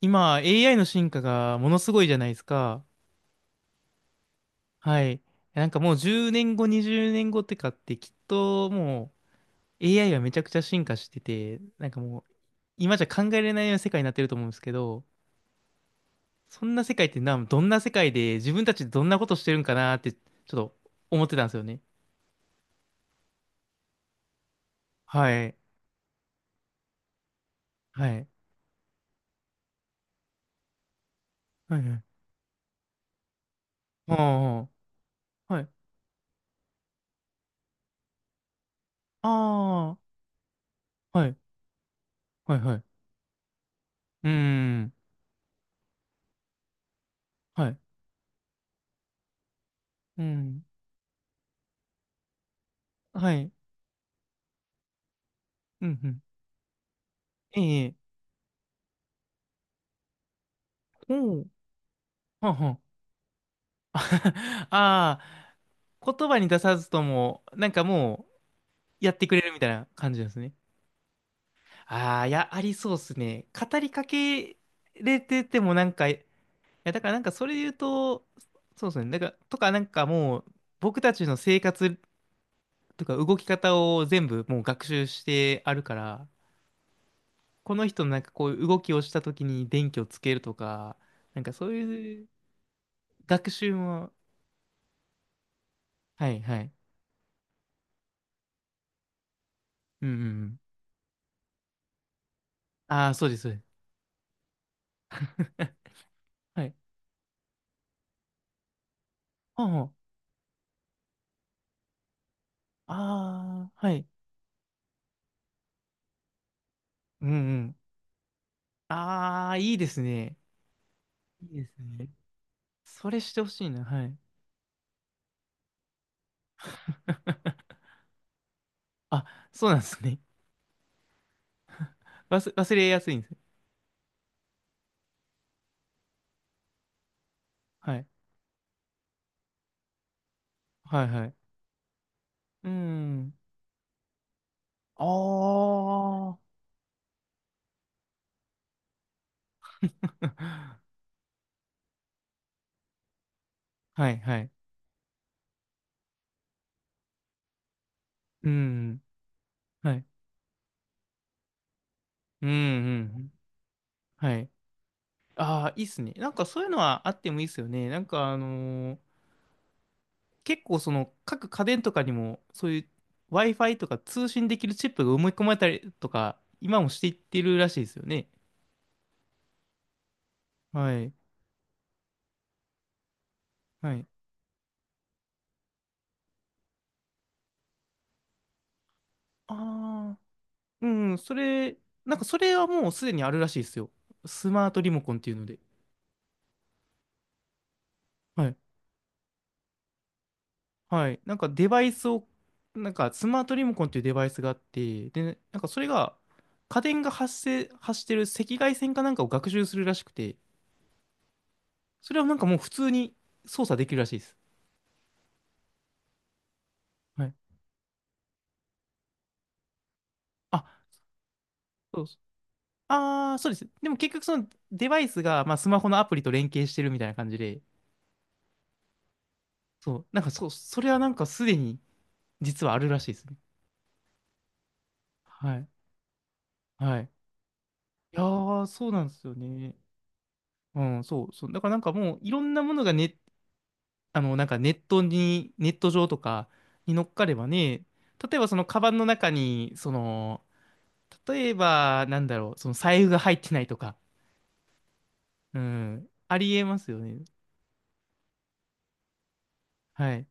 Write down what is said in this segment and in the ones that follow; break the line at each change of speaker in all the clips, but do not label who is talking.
今、AI の進化がものすごいじゃないですか。はい。なんかもう10年後、20年後ってきっともう AI はめちゃくちゃ進化してて、なんかもう今じゃ考えられないような世界になってると思うんですけど、そんな世界ってな、どんな世界で自分たちどんなことしてるんかなってちょっと思ってたんですよね。はい。はい。はいはい。ああ、はい。ああ、はい。はいはい。うーん。はい。うん。はい。うんうん。ええ。おお。はんはん。 ああ、言葉に出さずとも、なんかもうやってくれるみたいな感じなんですね。ああ、いや、ありそうですね。語りかけれててもなんか、いや、だからなんかそれで言うと、そうですね。なんか、とかなんかもう、僕たちの生活とか動き方を全部もう学習してあるから、この人のなんかこういう動きをした時に電気をつけるとか、なんかそういう学習も。はいはい。うんうんうん。ああ、そうです、そうです。はい。ああああ、はい。うんうん。ああ、いいですね。いいですね。それしてほしいな。はい。あ、そうなんですね。忘れやすいんですね。はい。はいはい。うん。ああ。はいはい。うん。はい。うんうん。はい。ああ、いいっすね。なんかそういうのはあってもいいっすよね。ー結構その各家電とかにもそういう Wi-Fi とか通信できるチップが埋め込まれたりとか、今もしていってるらしいですよね。はい。はい。ああ、うん、なんかそれはもうすでにあるらしいですよ。スマートリモコンっていうので。はい。はい。なんかデバイスを、なんかスマートリモコンっていうデバイスがあって、で、なんかそれが、家電が発生、発してる赤外線かなんかを学習するらしくて、それはなんかもう普通に操作できるらしいです。はい。あ、そうです。ああ、そうです。でも結局そのデバイスが、まあ、スマホのアプリと連携してるみたいな感じで、それはなんかすでに実はあるらしいですね。はい。はい。いやー、そうなんですよね。だからなんかもう、いろんなものがね、ネット上とかに乗っかればね、例えばそのカバンの中に、その、例えば、なんだろう、その財布が入ってないとか、うん、ありえますよね。はい。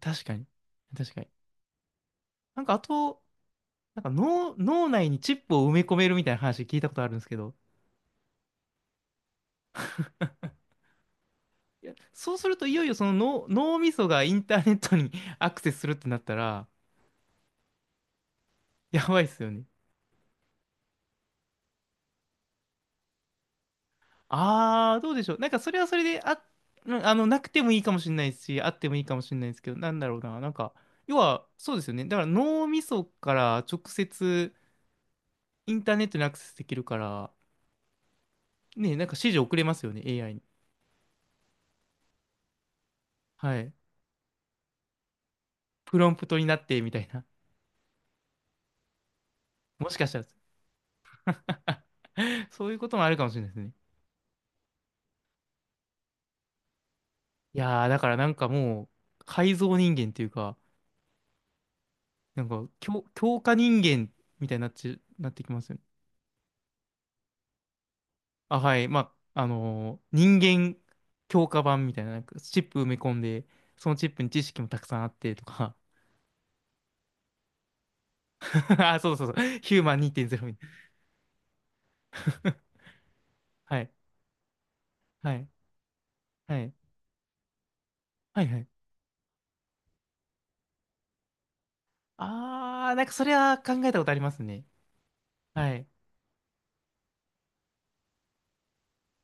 確かに。確かに。なんかあと、脳内にチップを埋め込めるみたいな話聞いたことあるんですけど、いや、そうするといよいよ脳みそがインターネットに アクセスするってなったら、やばいっすよね。あー、どうでしょう。なんかそれはそれで、あ、うんあの、なくてもいいかもしれないし、あってもいいかもしれないですけど、なんだろうな。要は、そうですよね。だから脳みそから直接インターネットにアクセスできるから、ね、なんか指示送れますよね、AI に。はい。プロンプトになって、みたいな。もしかしたら、そういうこともあるかもしれないですね。いやー、だからなんかもう、改造人間っていうか、強化人間みたいになって、なってきますよね。あ、はい。人間強化版みたいな、なんかチップ埋め込んで、そのチップに知識もたくさんあってとか。あ、そうそうそう。ヒューマン2.0みたいな。はい。はい。はい。はいはい。あー、なんかそれは考えたことありますね。はい。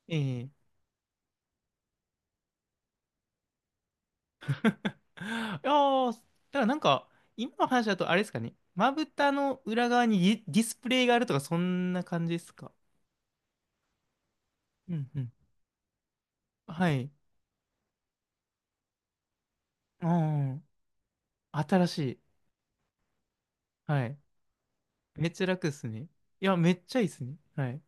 ええ。いやー、だからなんか、今の話だとあれですかね。まぶたの裏側にディスプレイがあるとか、そんな感じですか。うんうん。はい。うん。新しい。はい。めっちゃ楽っすね。いや、めっちゃいいっすね。はい。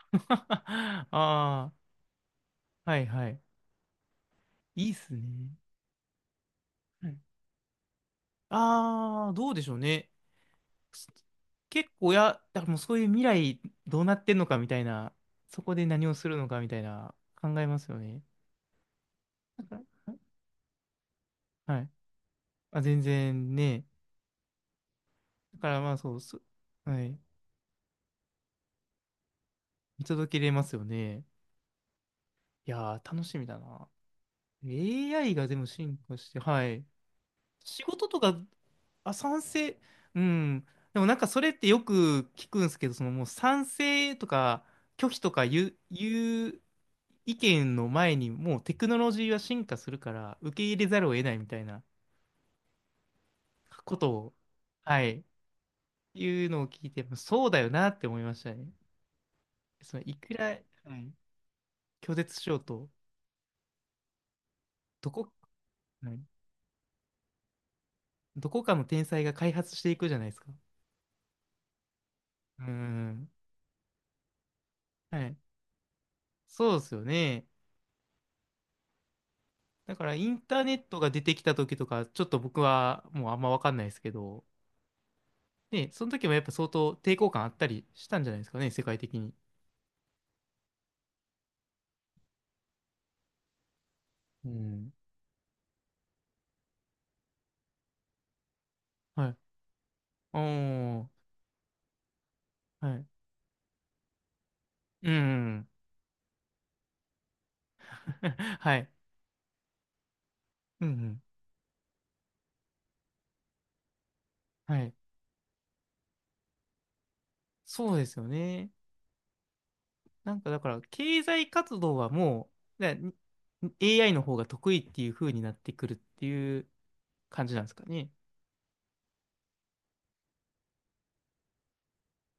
ああ、はいはい。いいっすね。はい。ああ、どうでしょうね。す結構だからもうそういう未来どうなってんのかみたいな、そこで何をするのかみたいな考えますよね。なんか、はい。あ、全然ね。だからまあそう、そ、はい。見届けれますよね。いやー、楽しみだな。AI がでも進化して、はい。仕事とか、あ、賛成。うん。でもなんかそれってよく聞くんですけど、そのもう賛成とか拒否とか言う意見の前にもうテクノロジーは進化するから受け入れざるを得ないみたいなことを、はい、いうのを聞いて、そうだよなって思いましたね。そのいくら、はい、拒絶しようと、どこ、はい、どこかの天才が開発していくじゃないですか。うん。はい。そうですよね。だからインターネットが出てきた時とか、ちょっと僕はもうあんまわかんないですけど、ね、その時もやっぱ相当抵抗感あったりしたんじゃないですかね、世界的に。うん。はい。おー、はい。うん。はい。うんうん。はい。そうですよね。なんかだから、経済活動はもう、だ AI の方が得意っていう風になってくるっていう感じなんですかね。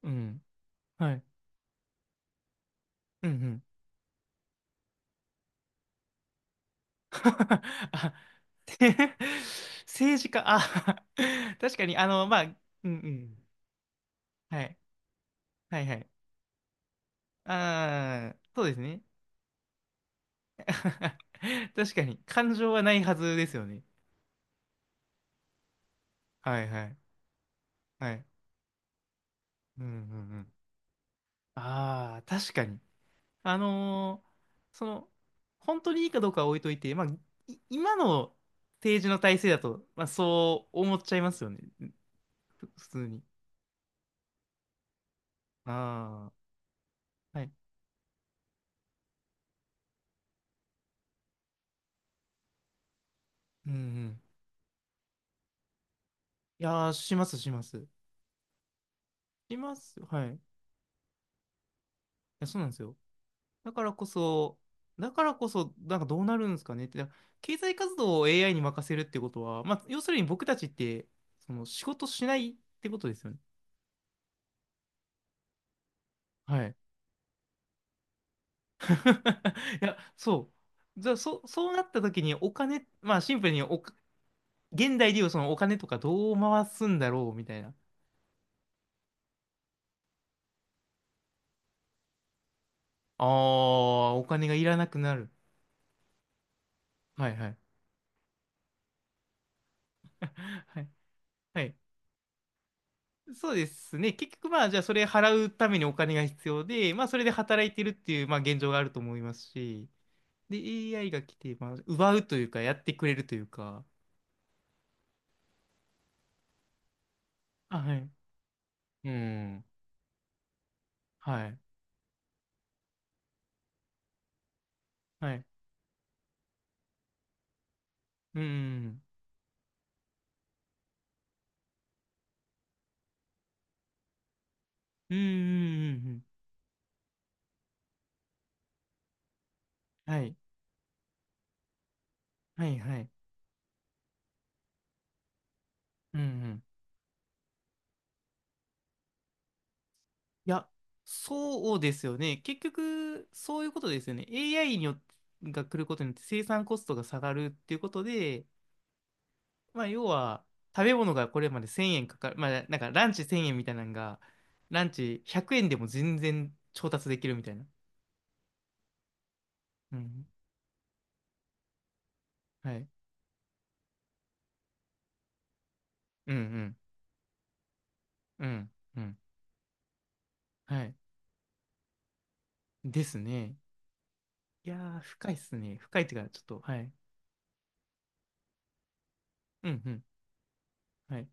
うん。はい。うんうん。 あて。 政治家、あ。 確かに、うん。はい。はいはい。ああ、そうですね。確かに、感情はないはずですよね。はいはい。はい。うんうんうん。ああ、確かに。あのーその、本当にいいかどうかは置いといて、まあ、今の政治の体制だと、まあ、そう思っちゃいますよね。普通に。ああ、はい。うんうん。いやー、しますします。いますよ。はい。いや、そうなんですよ。だからこそ、だからこそ、なんかどうなるんですかねって、だから経済活動を AI に任せるってことは、まあ、要するに僕たちって、その仕事しないってことですよね。はい。いや、そう。じゃあ、そうなった時にお金、まあ、シンプルに現代でいうそのお金とかどう回すんだろうみたいな。ああ、お金がいらなくなる。はいはい。はい。はい。そうですね。結局まあ、じゃあそれ払うためにお金が必要で、まあそれで働いてるっていう、まあ現状があると思いますし、で、AI が来て、まあ、奪うというか、やってくれるというか、あ、はい。うん。はい。はい。うん。うん。うん。うんうん、はい。はい。はい。うん。うん。いや、そうですよね。結局、そういうことですよね。AI によっが来ることによって生産コストが下がるっていうことで、まあ、要は、食べ物がこれまで1000円かかる。ランチ1000円みたいなのが、ランチ100円でも全然調達できるみたいな。うん。はい。うんうん。うん。うん。はい。ですね。いやー、深いっすね。深いっていうか、ちょっと、はい。うんうん。はい。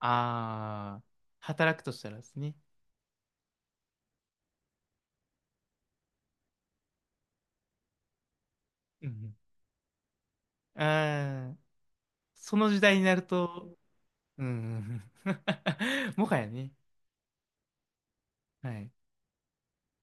あー、働くとしたらですね。うんうん。あー、その時代になると、うんうんうん。もはやね。はい。